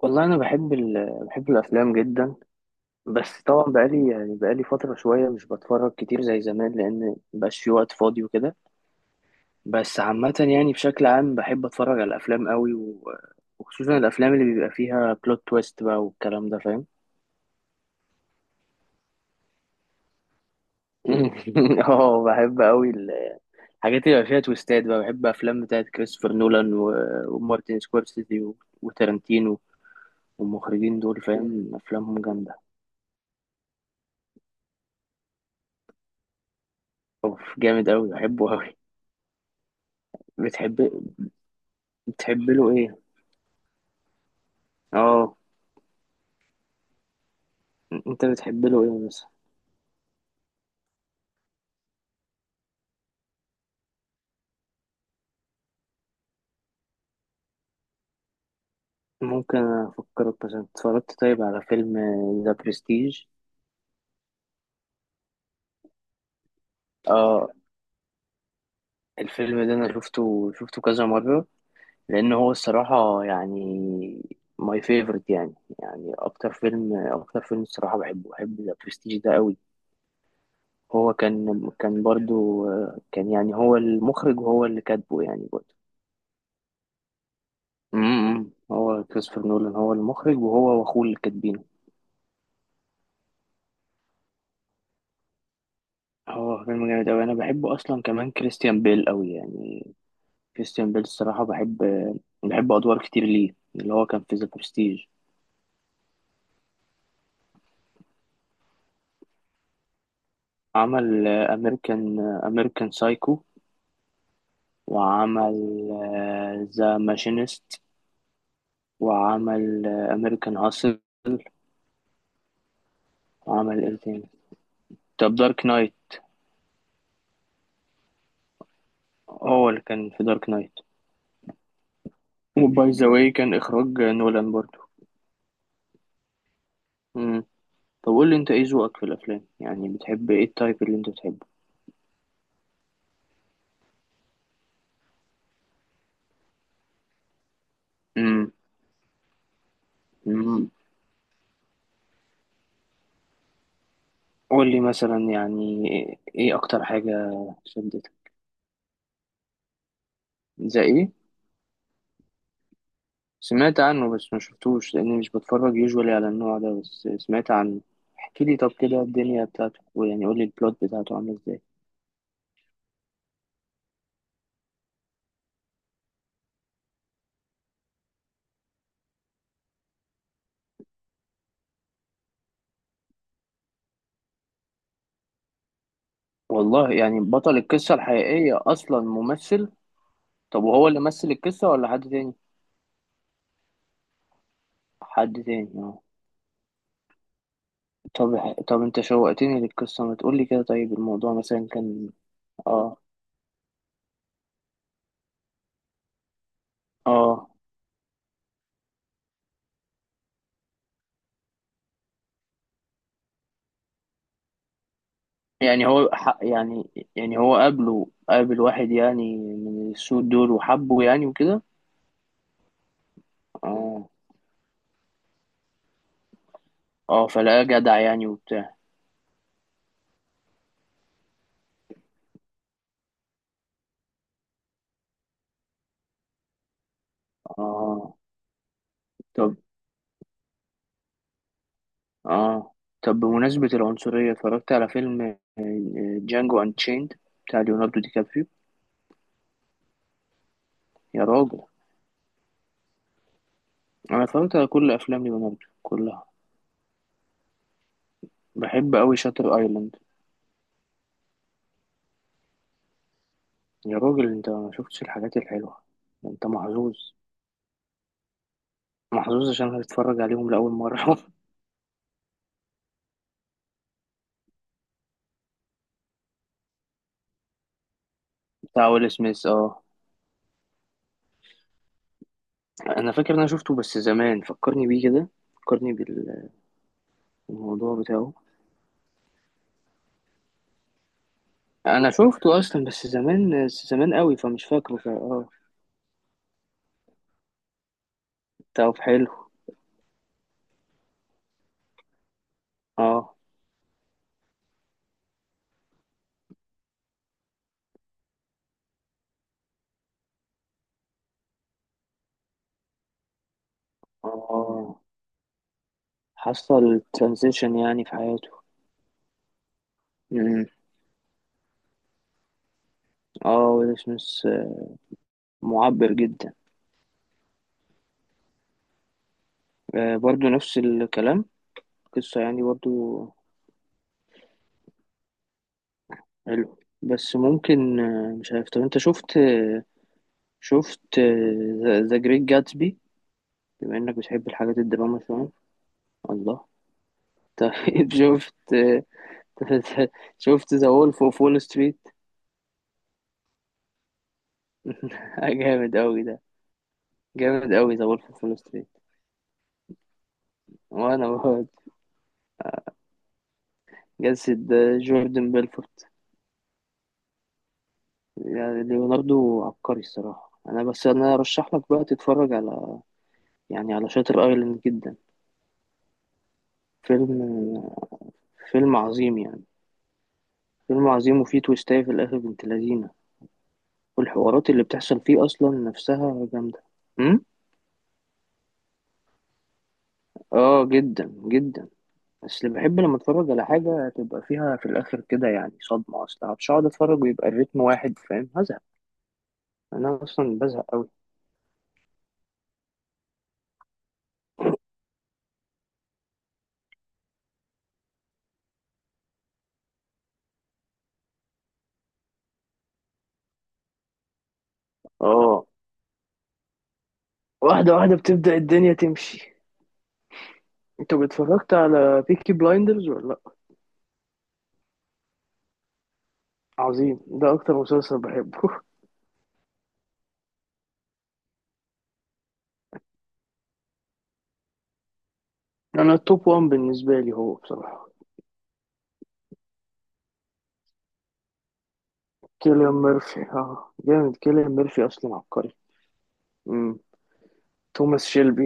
والله انا بحب الافلام جدا. بس طبعا بقالي فتره شويه مش بتفرج كتير زي زمان لان مبقاش في وقت فاضي وكده. بس عامه يعني بشكل عام بحب اتفرج على الافلام قوي و... وخصوصا الافلام اللي بيبقى فيها بلوت تويست بقى والكلام ده فاهم. اه بحب قوي. الحاجات اللي بيبقى فيها تويستات بقى بحب افلام بتاعت كريستوفر نولان و... ومارتن سكورسيزي و... وتارانتينو والمخرجين دول فاهم افلامهم جامده. اوف جامد قوي بحبه قوي. بتحب بتحب له ايه؟ اه. انت بتحب له ايه مثلا؟ ممكن افكرك مثلا، اتفرجت طيب على فيلم ذا برستيج؟ اه الفيلم ده انا شفته كذا مرة. لان هو الصراحة يعني ماي فيفورت يعني، يعني اكتر فيلم الصراحة بحبه. بحب ذا برستيج ده قوي. هو كان برضو، كان يعني هو المخرج وهو اللي كاتبه يعني برضو. هو كريستوفر نولان هو المخرج وهو واخوه اللي كاتبين. هو فيلم جامد أوي أنا بحبه أصلا، كمان كريستيان بيل أوي يعني. كريستيان بيل الصراحة بحب، بحب أدوار كتير ليه اللي هو كان في ذا برستيج. عمل أمريكان سايكو. وعمل ذا ماشينست. وعمل أمريكان هاسل. وعمل إيه تاني؟ طب دارك نايت. هو اللي كان في دارك نايت. وباي ذا واي كان إخراج نولان برضه. مم. طب قول لي أنت إيه ذوقك في الأفلام؟ يعني بتحب إيه، التايب اللي أنت بتحبه؟ مم. مم. قول لي مثلا يعني، ايه اكتر حاجة شدتك؟ زي ايه؟ سمعت عنه بس ما شفتوش لاني مش بتفرج يوجوالي على النوع ده، بس سمعت عنه. احكي لي طب كده الدنيا بتاعته، ويعني قول لي البلوت بتاعته عامله ازاي؟ والله؟ يعني بطل القصة الحقيقية اصلا ممثل؟ طب وهو اللي مثل القصة ولا حد تاني؟ حد تاني، اه. طب طب انت شوقتني للقصة، ما تقول لي كده. طيب الموضوع مثلا كان؟ اه. اه يعني هو ح- يعني، يعني هو قابله، قابل واحد يعني من السود دول وحبه يعني وكده. اه. اه فلقاه جدع يعني وبتاع. اه. طب. اه. طب بمناسبة العنصرية، اتفرجت على فيلم جانجو انشيند بتاع ليوناردو دي كابريو؟ يا راجل انا اتفرجت على كل افلام ليوناردو كلها. بحب اوي شاتر ايلاند. يا راجل انت ما شفتش الحاجات الحلوة. انت محظوظ، محظوظ عشان هتتفرج عليهم لأول مرة. بتاع ويل سميث، اه. انا فاكر ان انا شفته بس زمان، فكرني بيه كده. فكرني بالموضوع بتاعه. انا شفته اصلا بس زمان زمان قوي فمش فاكره. اه. طب حلو. اه. اه حصل ترانزيشن يعني في حياته. امم. اه ويل سميث معبر جدا. آه برضو نفس الكلام. قصة يعني برضو. حلو. بس ممكن، مش عارف. طب انت شفت، شفت ذا جريت جاتسبي؟ بما انك بتحب الحاجات الدراما شوية. الله. طيب شفت، شفت ذا وولف اوف وول ستريت؟ جامد قوي ده. جامد قوي ذا وولف اوف وول ستريت. وانا بقعد، جسد جوردن بيلفورت. يعني ليوناردو عبقري الصراحة. انا بس انا ارشح لك بقى تتفرج على، يعني على شاتر ايلاند جدا. فيلم، فيلم عظيم يعني. فيلم عظيم وفيه تويستاية في الاخر بنت لذينة. والحوارات اللي بتحصل فيه اصلا نفسها جامدة. أمم؟ اه جدا جدا. بس اللي بحب لما اتفرج على حاجة تبقى فيها في الآخر كده يعني صدمة. أصلا مش هقعد اتفرج ويبقى الريتم واحد فاهم، هزهق. أنا أصلا بزهق أوي. اه. واحدة واحدة بتبدأ الدنيا تمشي. انت اتفرجت على بيكي بلايندرز ولا لأ؟ عظيم ده، أكتر مسلسل بحبه. أنا التوب وان بالنسبة لي هو بصراحة كيليان ميرفي، اه. جامد كيليان ميرفي أصلا عبقري. مم. توماس شيلبي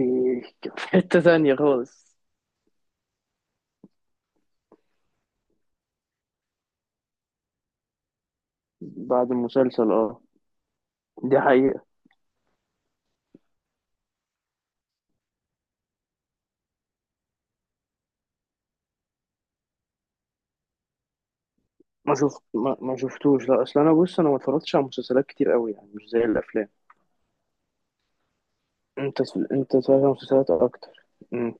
كان في حتة تانية خالص. بعد المسلسل اه. دي حقيقة. ما شفتوش، لا اصل انا بص انا ما اتفرجتش على مسلسلات كتير قوي يعني مش زي الافلام. انت انت اتفرجت على مسلسلات اكتر. مم.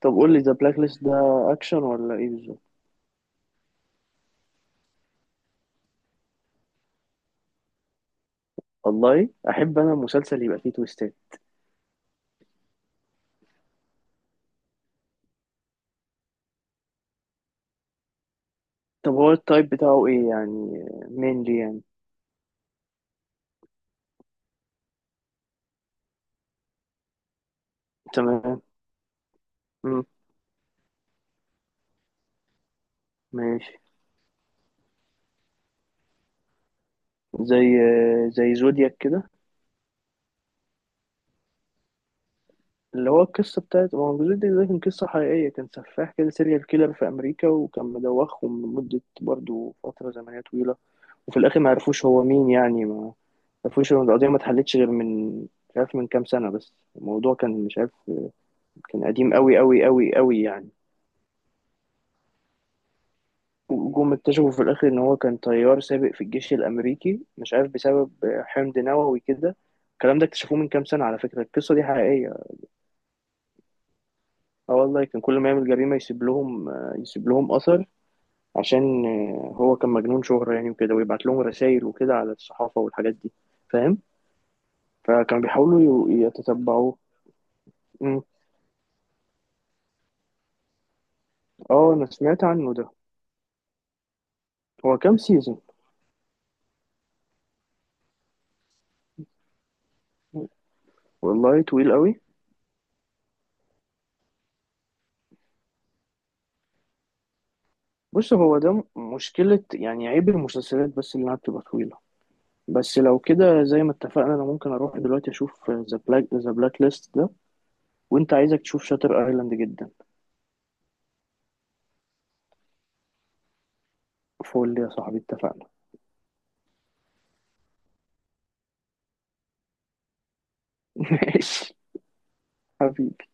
طب قول لي ذا بلاك ليست ده اكشن ولا ايه بالظبط؟ والله احب انا المسلسل يبقى فيه تويستات. طب هو التايب بتاعه ايه يعني؟ مين دي يعني؟ تمام. مم. ماشي. زي زي زودياك كده، اللي هو القصة بتاعت ما هو جوزيف دي ده، كان قصة حقيقية، كان سفاح كده، سيريال كيلر في أمريكا وكان مدوخهم لمدة برضه فترة زمنية طويلة. وفي الآخر ما عرفوش هو مين يعني، ما عرفوش إن القضية ما اتحلتش غير من مش عارف من كام سنة، بس الموضوع كان مش عارف، كان قديم أوي أوي أوي أوي يعني. وجم اكتشفوا في الآخر إن هو كان طيار سابق في الجيش الأمريكي، مش عارف بسبب حمض نووي كده، الكلام ده اكتشفوه من كام سنة على فكرة. القصة دي حقيقية. اه والله كان كل ما يعمل جريمة يسيب لهم أثر عشان هو كان مجنون شهرة يعني وكده، ويبعت لهم رسائل وكده على الصحافة والحاجات دي فاهم. فكانوا بيحاولوا يتتبعوه. مم. اه انا سمعت عنه ده. هو كام سيزون؟ والله طويل قوي. بص هو ده مشكلة يعني، عيب المسلسلات بس اللي انها بتبقى طويلة. بس لو كده زي ما اتفقنا، انا ممكن اروح دلوقتي اشوف ذا بلاك ليست ده. وانت عايزك تشوف شاتر ايلاند جدا. فول يا صاحبي اتفقنا. ماشي حبيبي.